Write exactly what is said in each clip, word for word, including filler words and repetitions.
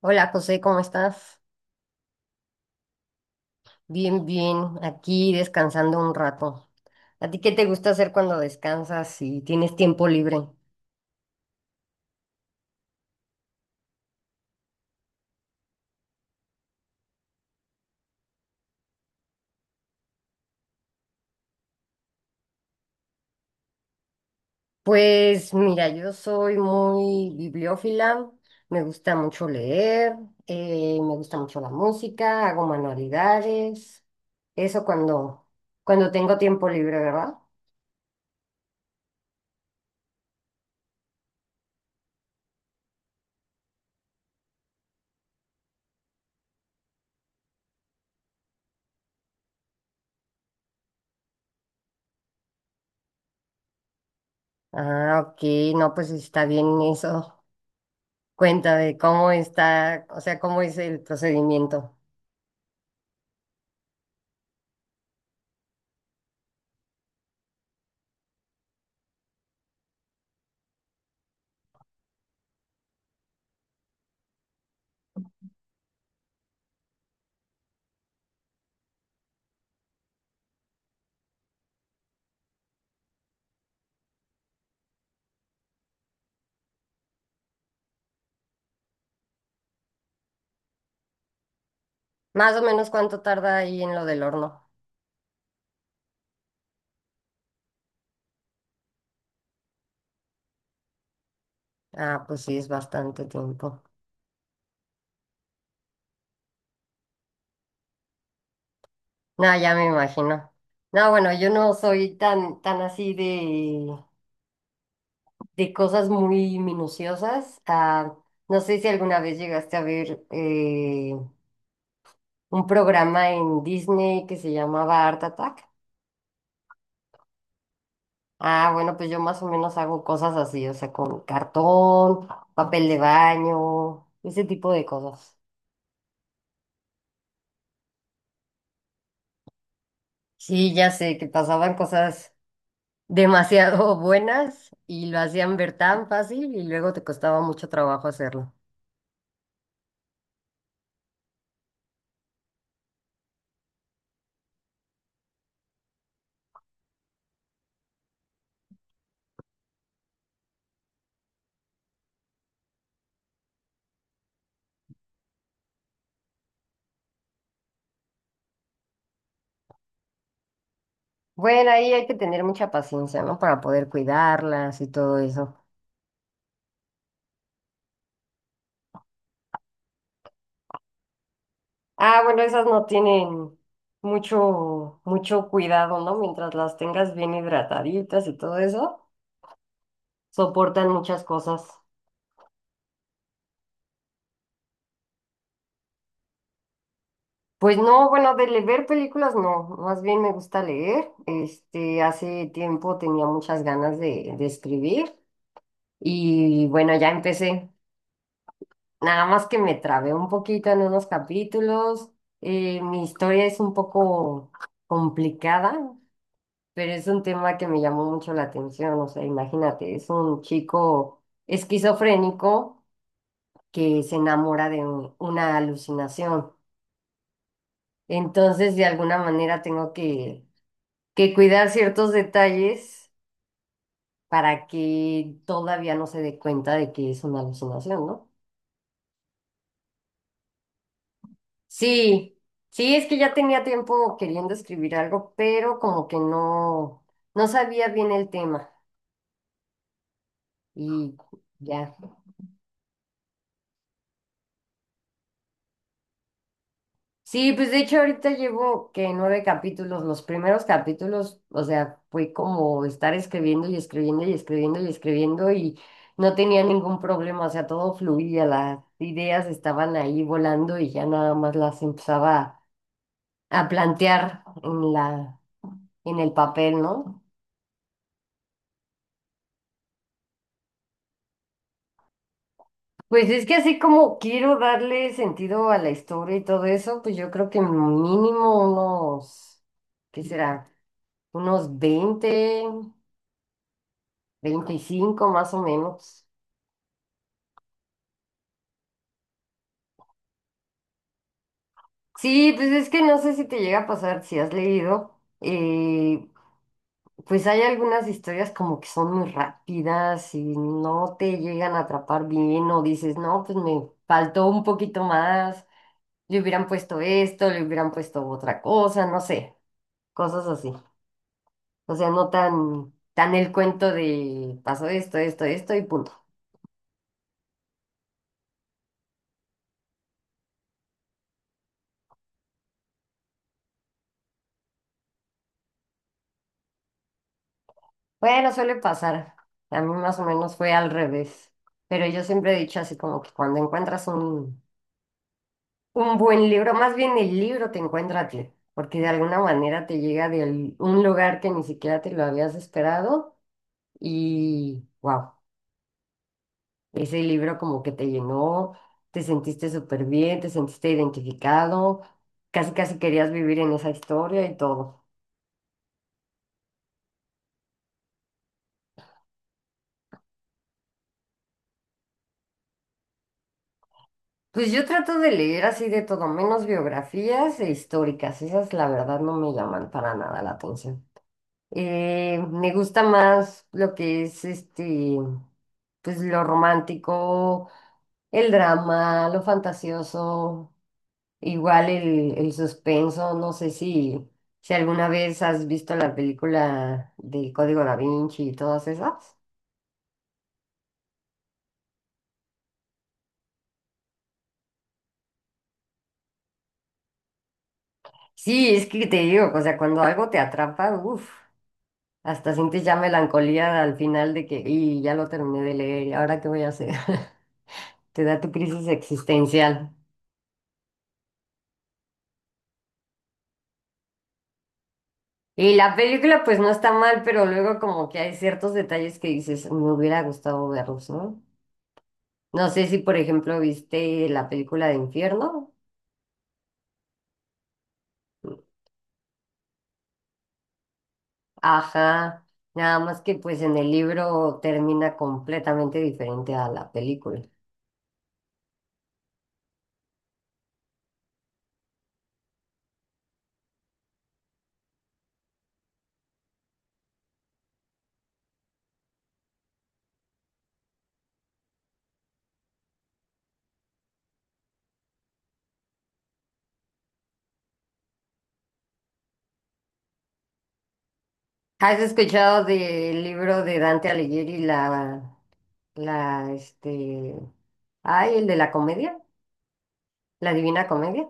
Hola José, ¿cómo estás? Bien, bien, aquí descansando un rato. ¿A ti qué te gusta hacer cuando descansas y tienes tiempo libre? Pues mira, yo soy muy bibliófila, me gusta mucho leer. Eh, me gusta mucho la música, hago manualidades, eso cuando, cuando tengo tiempo libre, ¿verdad? Ah, ok, no, pues está bien eso. Cuenta de cómo está, o sea, cómo es el procedimiento. Más o menos ¿cuánto tarda ahí en lo del horno? Ah, pues sí, es bastante tiempo. No, ya me imagino. No, bueno, yo no soy tan, tan así de, de cosas muy minuciosas. Ah, no sé si alguna vez llegaste a ver eh, un programa en Disney que se llamaba Art Attack. Ah, bueno, pues yo más o menos hago cosas así, o sea, con cartón, papel de baño, ese tipo de cosas. Sí, ya sé que pasaban cosas demasiado buenas y lo hacían ver tan fácil y luego te costaba mucho trabajo hacerlo. Bueno, ahí hay que tener mucha paciencia, ¿no? Para poder cuidarlas y todo eso. Ah, bueno, esas no tienen mucho, mucho cuidado, ¿no? Mientras las tengas bien hidrataditas y todo eso, soportan muchas cosas. Pues no, bueno, de le- ver películas no, más bien me gusta leer. Este, hace tiempo tenía muchas ganas de, de escribir y bueno, ya empecé. Nada más que me trabé un poquito en unos capítulos. Eh, mi historia es un poco complicada, pero es un tema que me llamó mucho la atención. O sea, imagínate, es un chico esquizofrénico que se enamora de un- una alucinación. Entonces, de alguna manera tengo que, que cuidar ciertos detalles para que todavía no se dé cuenta de que es una alucinación, ¿no? Sí, sí, es que ya tenía tiempo queriendo escribir algo, pero como que no, no sabía bien el tema y ya. Sí, pues de hecho ahorita llevo que nueve capítulos, los primeros capítulos, o sea, fue como estar escribiendo y escribiendo y escribiendo y escribiendo y no tenía ningún problema, o sea, todo fluía, las ideas estaban ahí volando y ya nada más las empezaba a plantear en la, en el papel, ¿no? Pues es que así como quiero darle sentido a la historia y todo eso, pues yo creo que mínimo unos, ¿qué será? Unos veinte, veinticinco más o menos. Sí, pues es que no sé si te llega a pasar, si has leído. Eh, pues hay algunas historias como que son muy rápidas y no te llegan a atrapar bien o dices, no, pues me faltó un poquito más, le hubieran puesto esto, le hubieran puesto otra cosa, no sé, cosas así. O sea, no tan, tan el cuento de pasó esto, esto, esto y punto. Bueno, suele pasar. A mí más o menos fue al revés. Pero yo siempre he dicho así como que cuando encuentras un, un buen libro, más bien el libro te encuentra a ti, porque de alguna manera te llega de al- un lugar que ni siquiera te lo habías esperado y wow, ese libro como que te llenó, te sentiste súper bien, te sentiste identificado, casi casi querías vivir en esa historia y todo. Pues yo trato de leer así de todo, menos biografías e históricas. Esas, la verdad, no me llaman para nada la atención. Eh, me gusta más lo que es este, pues lo romántico, el drama, lo fantasioso, igual el, el suspenso. No sé si, si alguna vez has visto la película del Código Da Vinci y todas esas. Sí, es que te digo, o sea, cuando algo te atrapa, uff. Hasta sientes ya melancolía al final de que, y ya lo terminé de leer, ¿y ahora qué voy a hacer? Te da tu crisis existencial. Y la película pues no está mal, pero luego como que hay ciertos detalles que dices, me hubiera gustado verlos, ¿no? No sé si por ejemplo viste la película de Infierno. Ajá, nada más que pues en el libro termina completamente diferente a la película. ¿Has escuchado del libro de Dante Alighieri, la La, este, ay, el de la comedia, la Divina Comedia?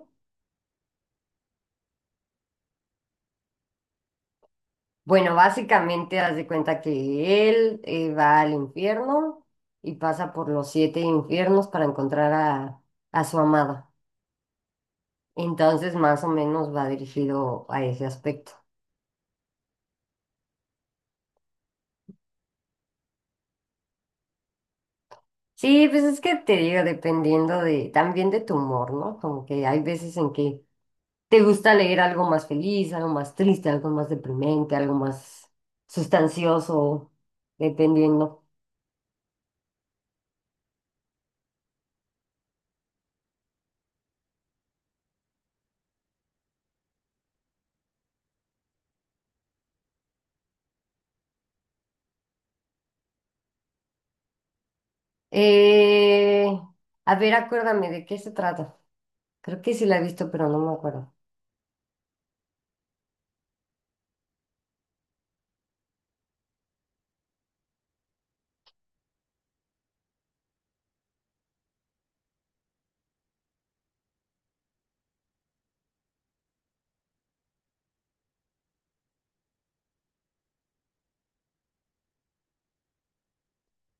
Bueno, básicamente haz de cuenta que él eh, va al infierno y pasa por los siete infiernos para encontrar a, a su amada. Entonces, más o menos va dirigido a ese aspecto. Sí, pues es que te digo, dependiendo de, también de tu humor, ¿no? Como que hay veces en que te gusta leer algo más feliz, algo más triste, algo más deprimente, algo más sustancioso, dependiendo. Eh, a ver, acuérdame de qué se trata. Creo que sí la he visto, pero no me acuerdo.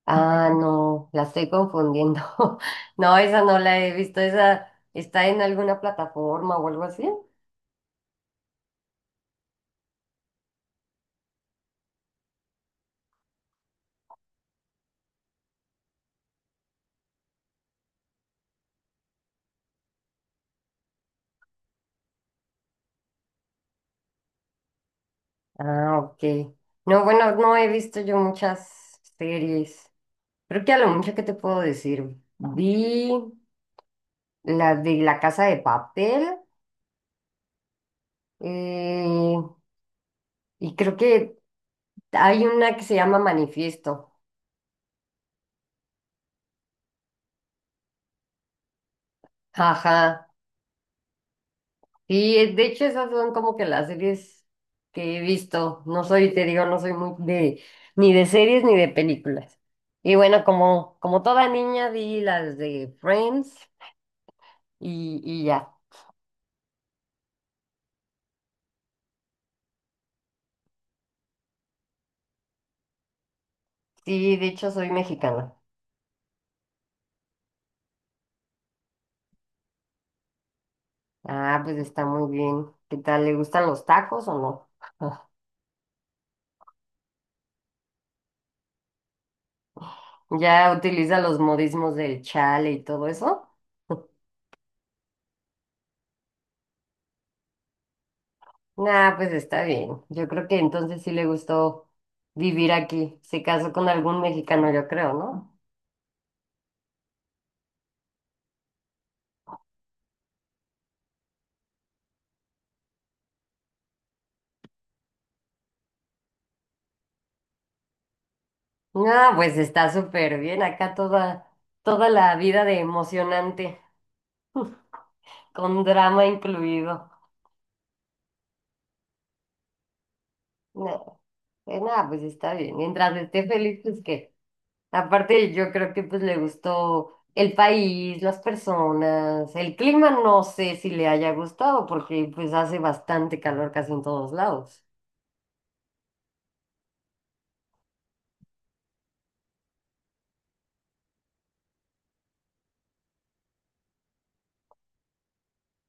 Ah, no, la estoy confundiendo. No, esa no la he visto. Esa está en alguna plataforma o algo así. Ah, ok. No, bueno, no he visto yo muchas series. Creo que a lo mucho que te puedo decir. Vi la de La Casa de Papel, eh, y creo que hay una que se llama Manifiesto. Ajá. Y eh, de hecho esas son como que las series que he visto. No soy, te digo, no soy muy de ni de series ni de películas. Y bueno, como, como toda niña vi las de Friends y, y ya. Sí, de hecho soy mexicana. Ah, pues está muy bien. ¿Qué tal? ¿Le gustan los tacos o no? ¿Ya utiliza los modismos del chale y todo eso? Ah, pues está bien. Yo creo que entonces sí le gustó vivir aquí. Se casó con algún mexicano, yo creo, ¿no? Ah, pues está súper bien. Acá toda, toda la vida de emocionante, con drama incluido. No, pues nada, pues está bien. Mientras esté feliz, pues que. Aparte, yo creo que pues le gustó el país, las personas, el clima, no sé si le haya gustado, porque pues hace bastante calor casi en todos lados.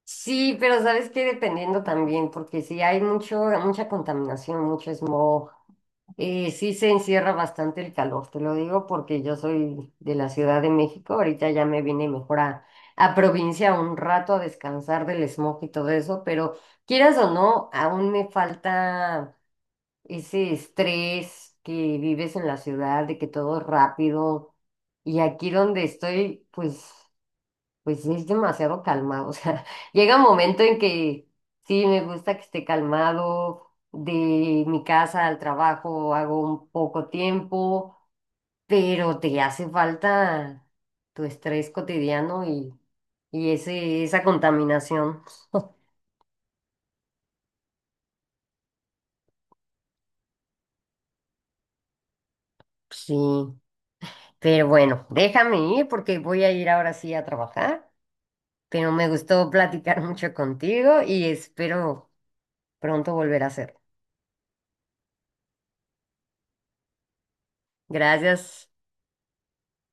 Sí, pero sabes que dependiendo también, porque sí hay mucho, mucha contaminación, mucho smog. Eh, sí se encierra bastante el calor, te lo digo porque yo soy de la Ciudad de México, ahorita ya me vine mejor a, a provincia un rato a descansar del smog y todo eso, pero quieras o no, aún me falta ese estrés que vives en la ciudad, de que todo es rápido, y aquí donde estoy, pues pues sí, es demasiado calmado. O sea, llega un momento en que sí me gusta que esté calmado. De mi casa al trabajo hago un poco tiempo, pero te hace falta tu estrés cotidiano y, y ese, esa contaminación. Sí, pero bueno, déjame ir porque voy a ir ahora sí a trabajar. Pero me gustó platicar mucho contigo y espero pronto volver a hacerlo. Gracias.